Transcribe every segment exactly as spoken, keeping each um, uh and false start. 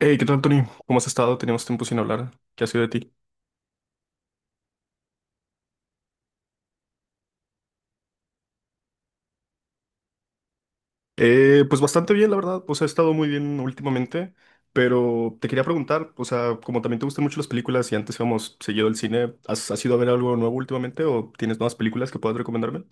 Hey, ¿qué tal, Tony? ¿Cómo has estado? Teníamos tiempo sin hablar. ¿Qué ha sido de ti? Eh, pues bastante bien, la verdad. Pues he estado muy bien últimamente, pero te quería preguntar, o sea, como también te gustan mucho las películas y antes íbamos seguido al cine, ¿has, has ido a ver algo nuevo últimamente o tienes nuevas películas que puedas recomendarme?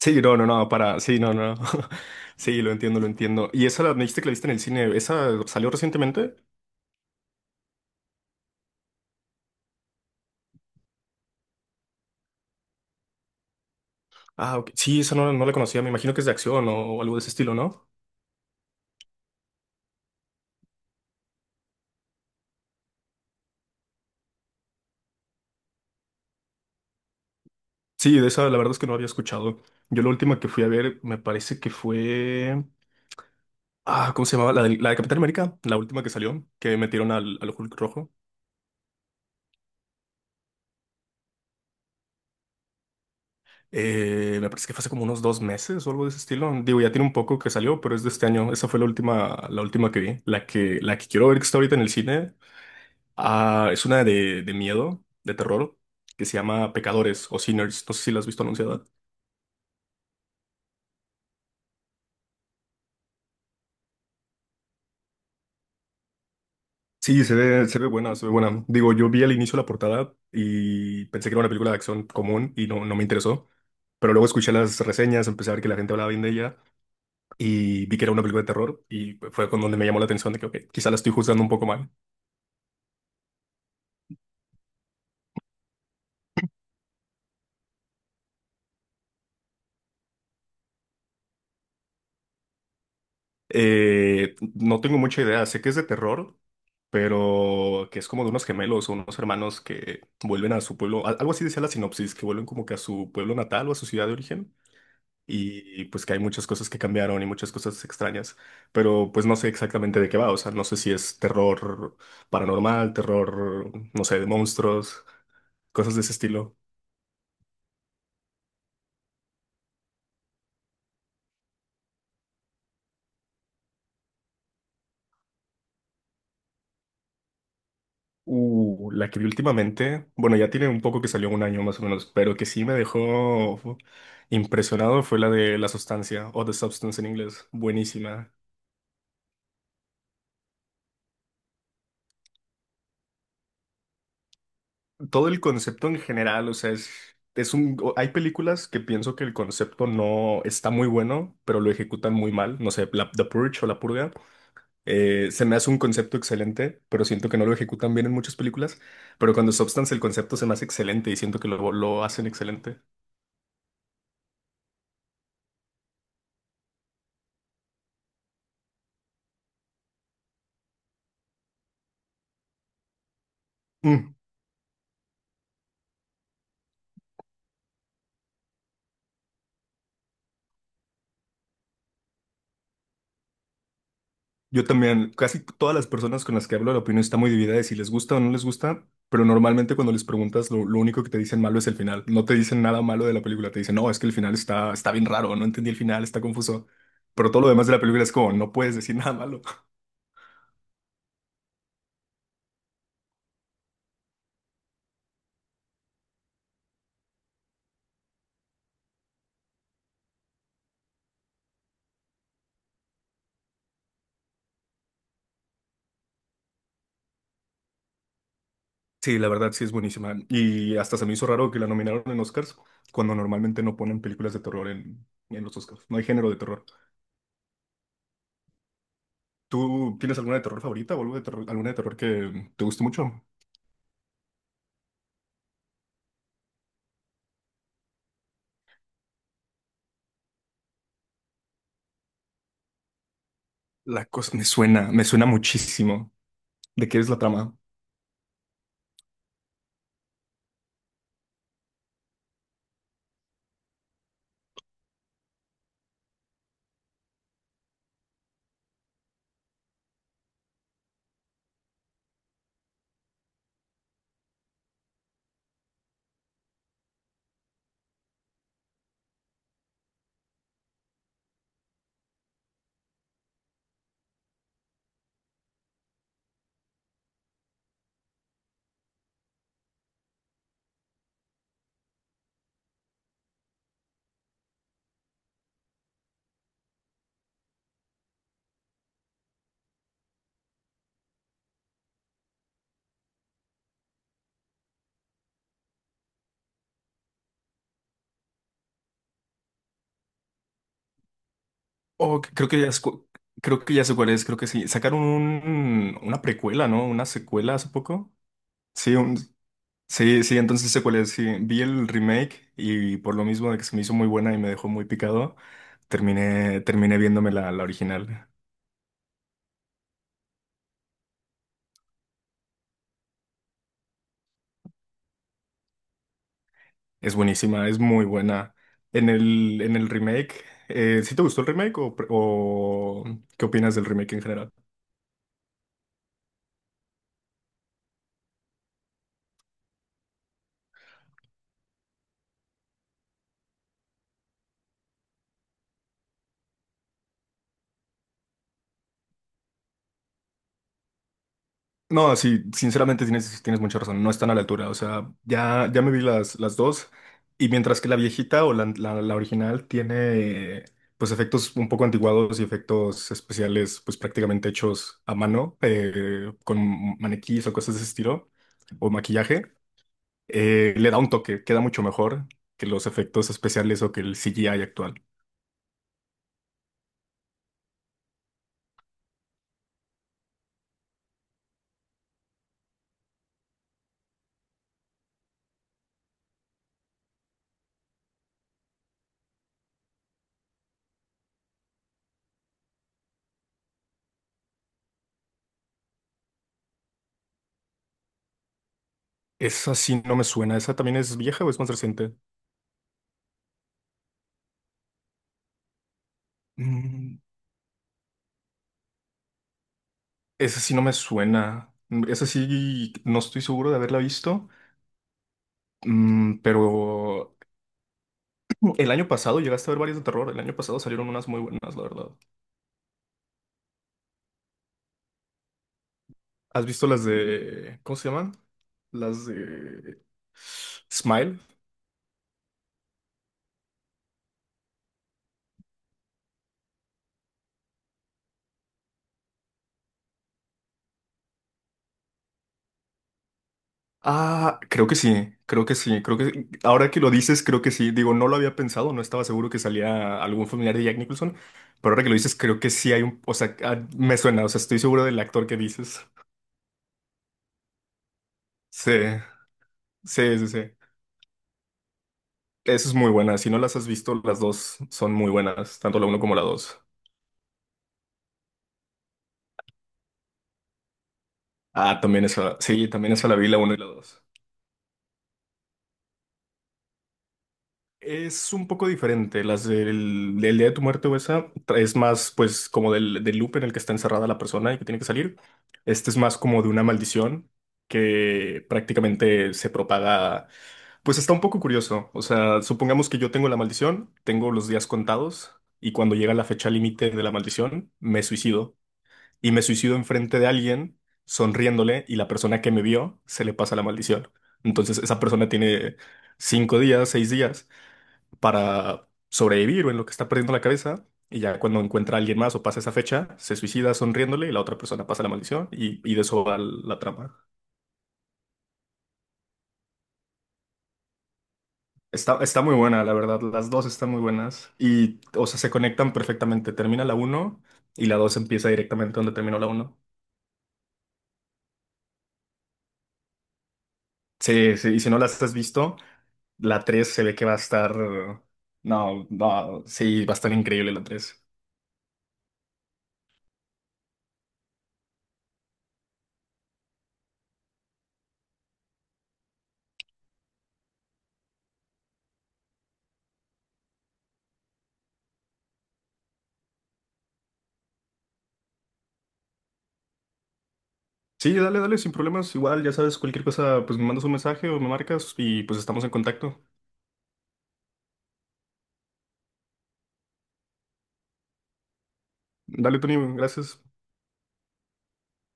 Sí, no, no, no, para, sí, no, no, no. Sí, lo entiendo, lo entiendo. ¿Y esa la, me dijiste que la viste en el cine? ¿Esa salió recientemente? Ah, ok. Sí, esa no, no la conocía. Me imagino que es de acción o algo de ese estilo, ¿no? Sí, de esa la verdad es que no había escuchado. Yo la última que fui a ver me parece que fue. Ah, ¿cómo se llamaba? La de, la de Capitán América, la última que salió, que metieron al, al Hulk rojo. Eh, me parece que fue hace como unos dos meses o algo de ese estilo. Digo, ya tiene un poco que salió, pero es de este año. Esa fue la última, la última, que vi. La que, la que quiero ver que está ahorita en el cine. Ah, es una de, de miedo, de terror, que se llama Pecadores o Sinners. No sé si la has visto anunciada. Sí, se ve, se ve buena, se ve buena. Digo, yo vi al inicio la portada y pensé que era una película de acción común y no, no me interesó. Pero luego escuché las reseñas, empecé a ver que la gente hablaba bien de ella y vi que era una película de terror y fue con donde me llamó la atención de que, ok, quizá la estoy juzgando un poco mal. Eh, no tengo mucha idea, sé que es de terror, pero que es como de unos gemelos o unos hermanos que vuelven a su pueblo, al- algo así decía la sinopsis, que vuelven como que a su pueblo natal o a su ciudad de origen y pues que hay muchas cosas que cambiaron y muchas cosas extrañas, pero pues no sé exactamente de qué va, o sea, no sé si es terror paranormal, terror, no sé, de monstruos, cosas de ese estilo. Uh, la que vi últimamente, bueno, ya tiene un poco que salió un año más o menos, pero que sí me dejó impresionado fue la de La Sustancia o The Substance en inglés, buenísima. Todo el concepto en general, o sea, es, es un, o- hay películas que pienso que el concepto no está muy bueno, pero lo ejecutan muy mal, no sé, la, The Purge o La Purga, eh, se me hace un concepto excelente, pero siento que no lo ejecutan bien en muchas películas, pero cuando Substance el concepto se me hace excelente y siento que lo, lo hacen excelente. Mm. Yo también, casi todas las personas con las que hablo, la opinión está muy dividida de si les gusta o no les gusta, pero normalmente cuando les preguntas, lo, lo único que te dicen malo es el final. No te dicen nada malo de la película, te dicen, no, es que el final está, está bien raro, no entendí el final, está confuso. Pero todo lo demás de la película es como, no puedes decir nada malo. Sí, la verdad sí es buenísima. Y hasta se me hizo raro que la nominaron en Oscars, cuando normalmente no ponen películas de terror en, en los Oscars. No hay género de terror. ¿Tú tienes alguna de terror favorita o algo de terror- alguna de terror que te guste mucho? La cosa me suena, me suena muchísimo. ¿De qué es la trama? Oh, c- creo que ya es cu- creo que ya sé cuál es, creo que sí. Sacaron un- una precuela, ¿no? Una secuela hace poco. Sí, un- sí, sí, entonces sé cuál es. Sí, vi el remake y por lo mismo de que se me hizo muy buena y me dejó muy picado, terminé, terminé viéndome la, la original. Es buenísima, es muy buena. En el, en el remake, eh, ¿sí te gustó el remake o, pre- o qué opinas del remake en general? No, sí, sinceramente tienes, tienes mucha razón, no están a la altura, o sea, ya, ya me vi las, las dos y mientras que la viejita o la, la, la original tiene pues efectos un poco antiguados y efectos especiales pues prácticamente hechos a mano eh, con maniquíes o cosas de ese estilo o maquillaje, eh, le da un toque, queda mucho mejor que los efectos especiales o que el C G I actual. Esa sí no me suena, ¿esa también es vieja o es más reciente? Esa sí no me suena. Mm, Esa sí no estoy seguro de haberla visto. Mm, pero el año pasado llegaste a ver varias de terror. El año pasado salieron unas muy buenas, la verdad. ¿Has visto las de, cómo se llaman, las de Smile? Ah, creo que sí, creo que sí, creo que ahora que lo dices, creo que sí. Digo, no lo había pensado, no estaba seguro que salía algún familiar de Jack Nicholson, pero ahora que lo dices, creo que sí hay un, o sea, ah, me suena, o sea, estoy seguro del actor que dices. Sí, sí, sí, sí. Esa es muy buena. Si no las has visto, las dos son muy buenas, tanto la uno como la dos. Ah, también esa. Sí, también esa la vi, la uno y la dos. Es un poco diferente. Las del, del Día de tu Muerte o esa tra- es más, pues, como del, del loop en el que está encerrada la persona y que tiene que salir. Este es más como de una maldición que prácticamente se propaga. Pues está un poco curioso. O sea, supongamos que yo tengo la maldición, tengo los días contados y cuando llega la fecha límite de la maldición, me suicido. Y me suicido enfrente de alguien, sonriéndole, y la persona que me vio se le pasa la maldición. Entonces esa persona tiene cinco días, seis días para sobrevivir o en lo que está perdiendo la cabeza. Y ya cuando encuentra a alguien más o pasa esa fecha, se suicida sonriéndole y la otra persona pasa la maldición y, y de eso va la trama. Está, está muy buena, la verdad. Las dos están muy buenas y, o sea, se conectan perfectamente. Termina la uno y la dos empieza directamente donde terminó la uno. Sí, sí, y si no las has visto, la tres se ve que va a estar. No, no, sí, va a estar increíble la tres. Sí, dale, dale, sin problemas. Igual, ya sabes, cualquier cosa, pues me mandas un mensaje o me marcas y pues estamos en contacto. Dale, Tony, gracias.